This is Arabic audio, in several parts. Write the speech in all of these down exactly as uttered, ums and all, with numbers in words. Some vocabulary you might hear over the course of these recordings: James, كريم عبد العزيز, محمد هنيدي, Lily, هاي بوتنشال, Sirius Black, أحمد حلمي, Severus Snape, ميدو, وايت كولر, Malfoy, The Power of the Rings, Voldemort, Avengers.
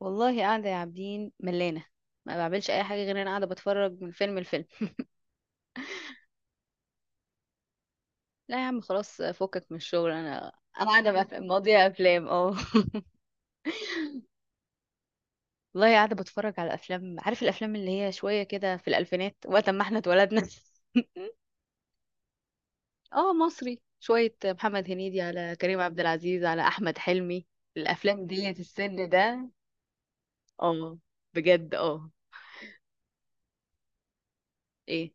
والله قاعدة يا عابدين ملانة. ما بعملش أي حاجة غير إن أنا قاعدة بتفرج من فيلم لفيلم. لا يا عم خلاص فكك من الشغل أنا. أنا قاعدة بقى- مواضيع أفلام اه. والله قاعدة بتفرج على أفلام، عارف الأفلام اللي هي شوية كده في الألفينات وقت ما احنا اتولدنا. اه مصري، شوية محمد هنيدي على كريم عبد العزيز على أحمد حلمي. الأفلام ديت السن ده. اه بجد اه. ايه؟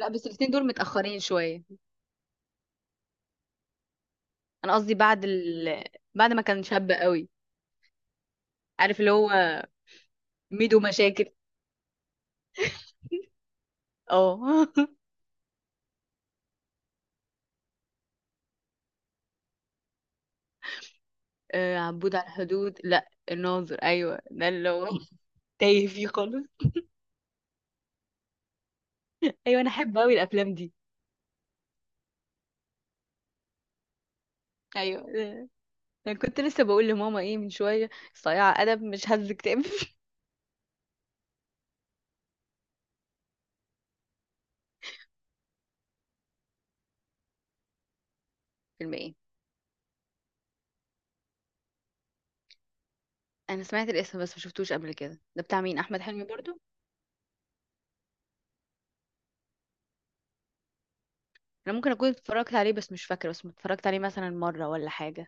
لا بس الاتنين دول متأخرين شوية. أنا قصدي بعد ال... بعد ما كان شاب قوي. عارف اللي هو ميدو مشاكل. اه. آه، عبود على الحدود، لا الناظر، ايوه ده اللي هو. تايه فيه خالص. ايوه انا احب قوي الافلام دي. ايوه آه، انا كنت لسه بقول لماما ايه من شويه، صياع ادب مش هز كتاب. فيلم ايه؟ انا سمعت الاسم بس ما شفتوش قبل كده. ده بتاع مين، احمد حلمي برضو؟ انا ممكن اكون اتفرجت عليه بس مش فاكره اسمه، اتفرجت عليه مثلا مره ولا حاجه.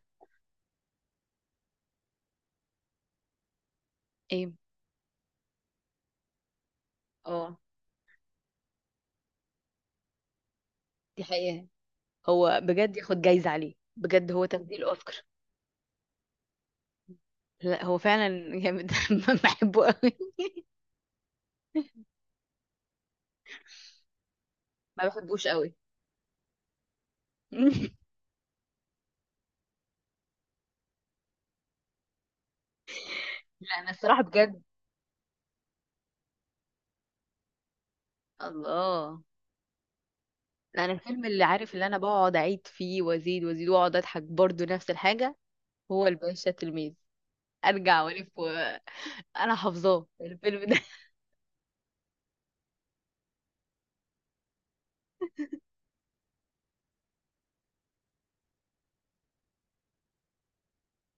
ايه؟ اه. دي حقيقه. هو بجد ياخد جايزه عليه، بجد هو تمثيل اوسكار. لا هو فعلا جامد، بحبه قوي. ما بحبوش قوي. لا انا الصراحه بجد. الله. لا انا الفيلم اللي عارف اللي انا بقعد اعيد فيه وازيد وازيد واقعد اضحك برضو نفس الحاجه، هو الباشا تلميذ. ارجع والف و... انا حافظاه الفيلم ده.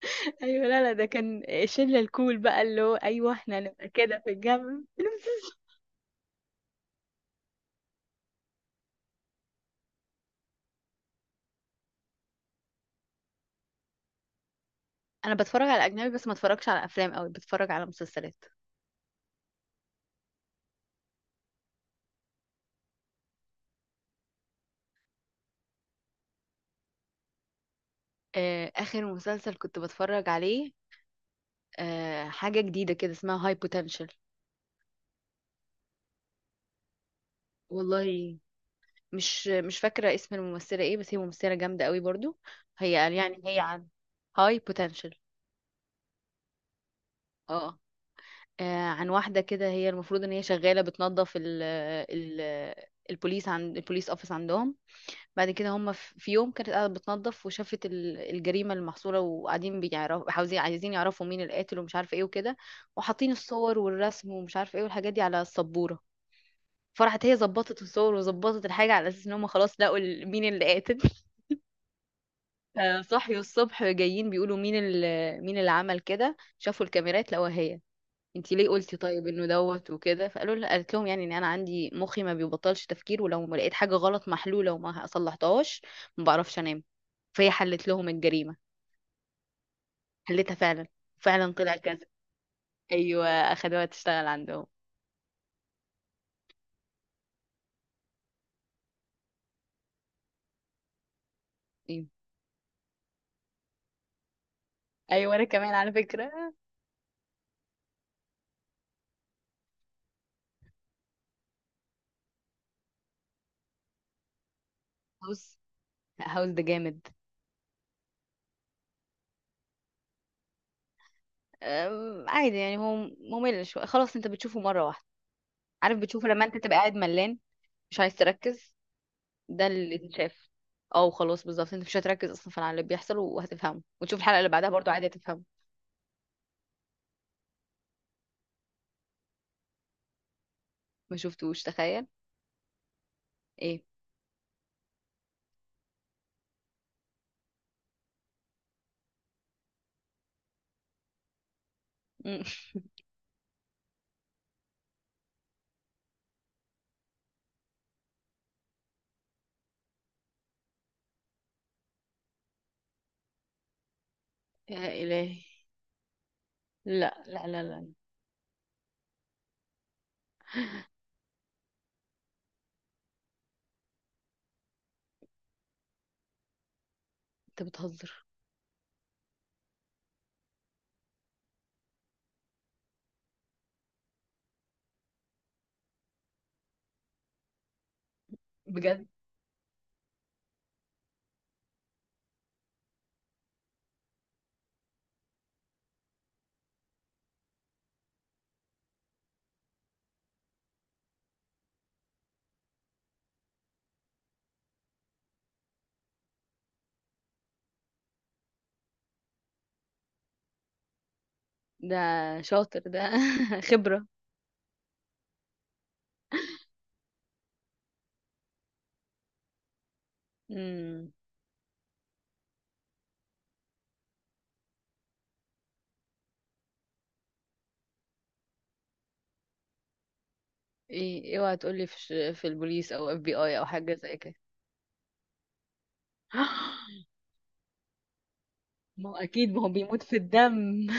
ايوه. لا لا ده كان الشله الكول بقى، اللي هو ايوه احنا هنبقى كده في الجامعه. انا بتفرج على اجنبي بس ما اتفرجش على افلام قوي، بتفرج على مسلسلات. آه، اخر مسلسل كنت بتفرج عليه آه، حاجه جديده كده اسمها هاي بوتنشال. والله مش مش فاكرة اسم الممثلة ايه بس هي ممثلة جامدة قوي برضو. هي قال يعني هي عن، هاي بوتنشال. اه. آه، عن واحدة كده، هي المفروض ان هي شغالة بتنظف ال ال البوليس، عند البوليس اوفيس عندهم. بعد كده هم في في يوم كانت قاعدة بتنظف وشافت ال- الجريمة المحصورة، وقاعدين بيعرفوا عاوزين عايزين يعرفوا مين القاتل ومش عارفة ايه وكده. وحاطين الصور والرسم ومش عارفة ايه والحاجات دي على السبورة. فراحت هي ظبطت الصور وظبطت الحاجة على اساس ان هم خلاص لقوا ال- مين اللي قاتل. آه، صحيوا الصبح جايين بيقولوا مين اللي مين اللي عمل كده، شافوا الكاميرات لقوها هي. انتي ليه قلتي؟ طيب انه دوت وكده، فقالوا لها، قالت لهم يعني ان انا عندي مخي ما بيبطلش تفكير، ولو ما لقيت حاجه غلط محلوله وما صلحتهاش ما بعرفش انام. فهي حلت لهم الجريمه. حلتها فعلا. فعلا طلع كذا. ايوه اخدوها تشتغل عندهم. ايوه. ايوه انا كمان على فكره. هاوس. هاوس ده جامد. أم، عادي يعني هو ممل شويه، خلاص انت بتشوفه مره واحده. عارف بتشوفه لما انت تبقى قاعد ملان مش عايز تركز. ده اللي اتشاف. اه خلاص بالظبط، انت مش هتركز اصلا في اللي بيحصل وهتفهمه، وتشوف الحلقة اللي بعدها برضو عادي هتفهمه. ما شفتوش تخيل. ايه؟ مم. يا إلهي. لا لا لا لا، انت بتهزر. بجد؟ ده شاطر ده. خبرة. مم. ايه؟ اوعى تقولي في ش- في البوليس او اف بي اي او حاجة زي كده. ما هو أكيد ما هو بيموت في الدم.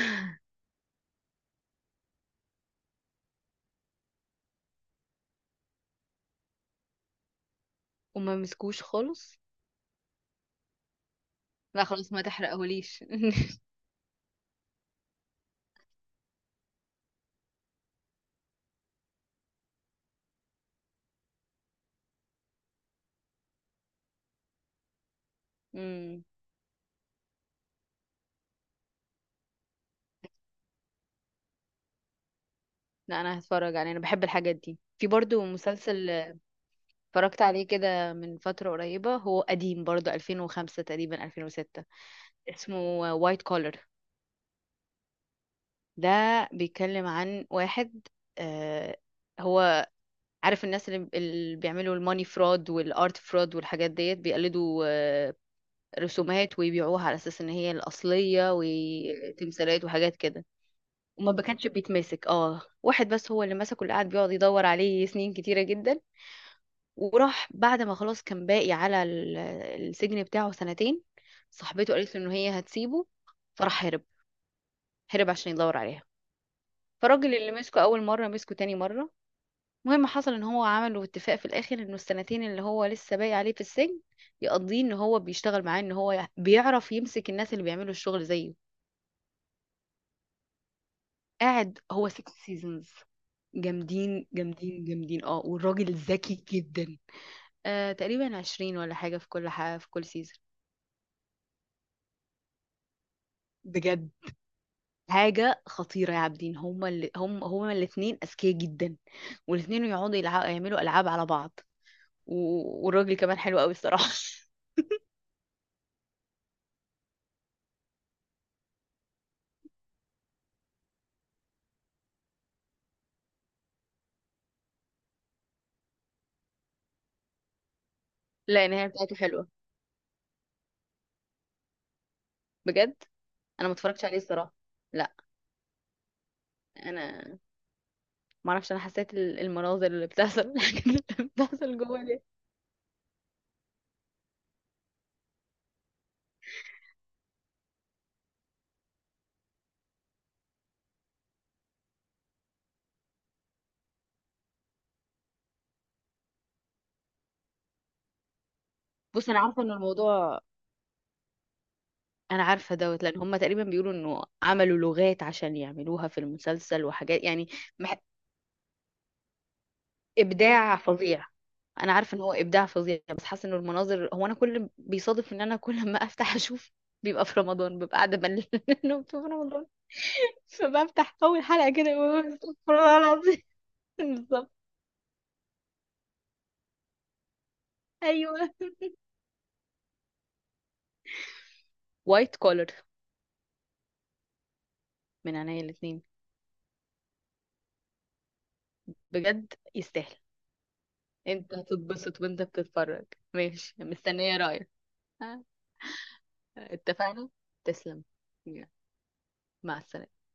وما مسكوش خالص؟ لا خلاص ما تحرقهوليش. مم. لا انا هتفرج عليه، انا بحب الحاجات دي. في برضو مسلسل اتفرجت عليه كده من فترة قريبة، هو قديم برضه ألفين وخمسة تقريبا ألفين وستة، اسمه وايت كولر. ده بيتكلم عن واحد، آه هو عارف الناس اللي اللي بيعملوا الماني فراد والارت فراد والحاجات ديت، بيقلدوا آه رسومات ويبيعوها على اساس ان هي الاصلية، وتمثالات وحاجات كده. وما كانش بيتمسك، اه واحد بس هو اللي مسكه، اللي قاعد بيقعد يدور عليه سنين كتيرة جدا. وراح بعد ما خلاص كان باقي على ال- السجن بتاعه سنتين، صاحبته قالت له ان هي هتسيبه، فراح هرب. هرب عشان يدور عليها. فالراجل اللي مسكه اول مره مسكه تاني مره. المهم حصل ان هو عملوا اتفاق في الاخر انه السنتين اللي هو لسه باقي عليه في السجن يقضيه ان هو بيشتغل معاه، ان هو بيعرف يمسك الناس اللي بيعملوا الشغل زيه. قاعد هو ستة سيزونز. جامدين جامدين جامدين اه، والراجل ذكي جدا. آه تقريبا عشرين ولا حاجه في كل حاجه في كل سيزون. بجد حاجة خطيرة يا عابدين، هما اللي هم هما الاتنين أذكياء جدا، والاتنين يقعدوا يلعبوا يعملوا ألعاب على بعض و... والراجل كمان حلو قوي الصراحة. لا النهاية بتاعته حلوة بجد. أنا ما اتفرجتش عليه الصراحة، لا. أنا ما أعرفش، أنا حسيت ال- المناظر اللي بتحصل الحاجات اللي بتحصل جوه دي. بص أنا عارفة إن الموضوع، أنا عارفة دوت، لأن هما تقريبا بيقولوا إنه عملوا لغات عشان يعملوها في المسلسل وحاجات يعني. ما ابداع فظيع. انا عارفه ان هو ابداع فظيع، بس حاسه انه المناظر، هو انا كل بيصادف ان انا كل ما افتح اشوف بيبقى في رمضان، ببقى قاعده بنلم في رمضان. فبفتح اول حلقه كده بقول استغفر الله العظيم. بالظبط. ايوه. وايت كولر. من عينيا الاثنين. بجد يستاهل. انت هتتبسط وانت بتتفرج. ماشي مستنيه رايك. ها؟ اتفقنا. تسلم. يلا، مع السلامه.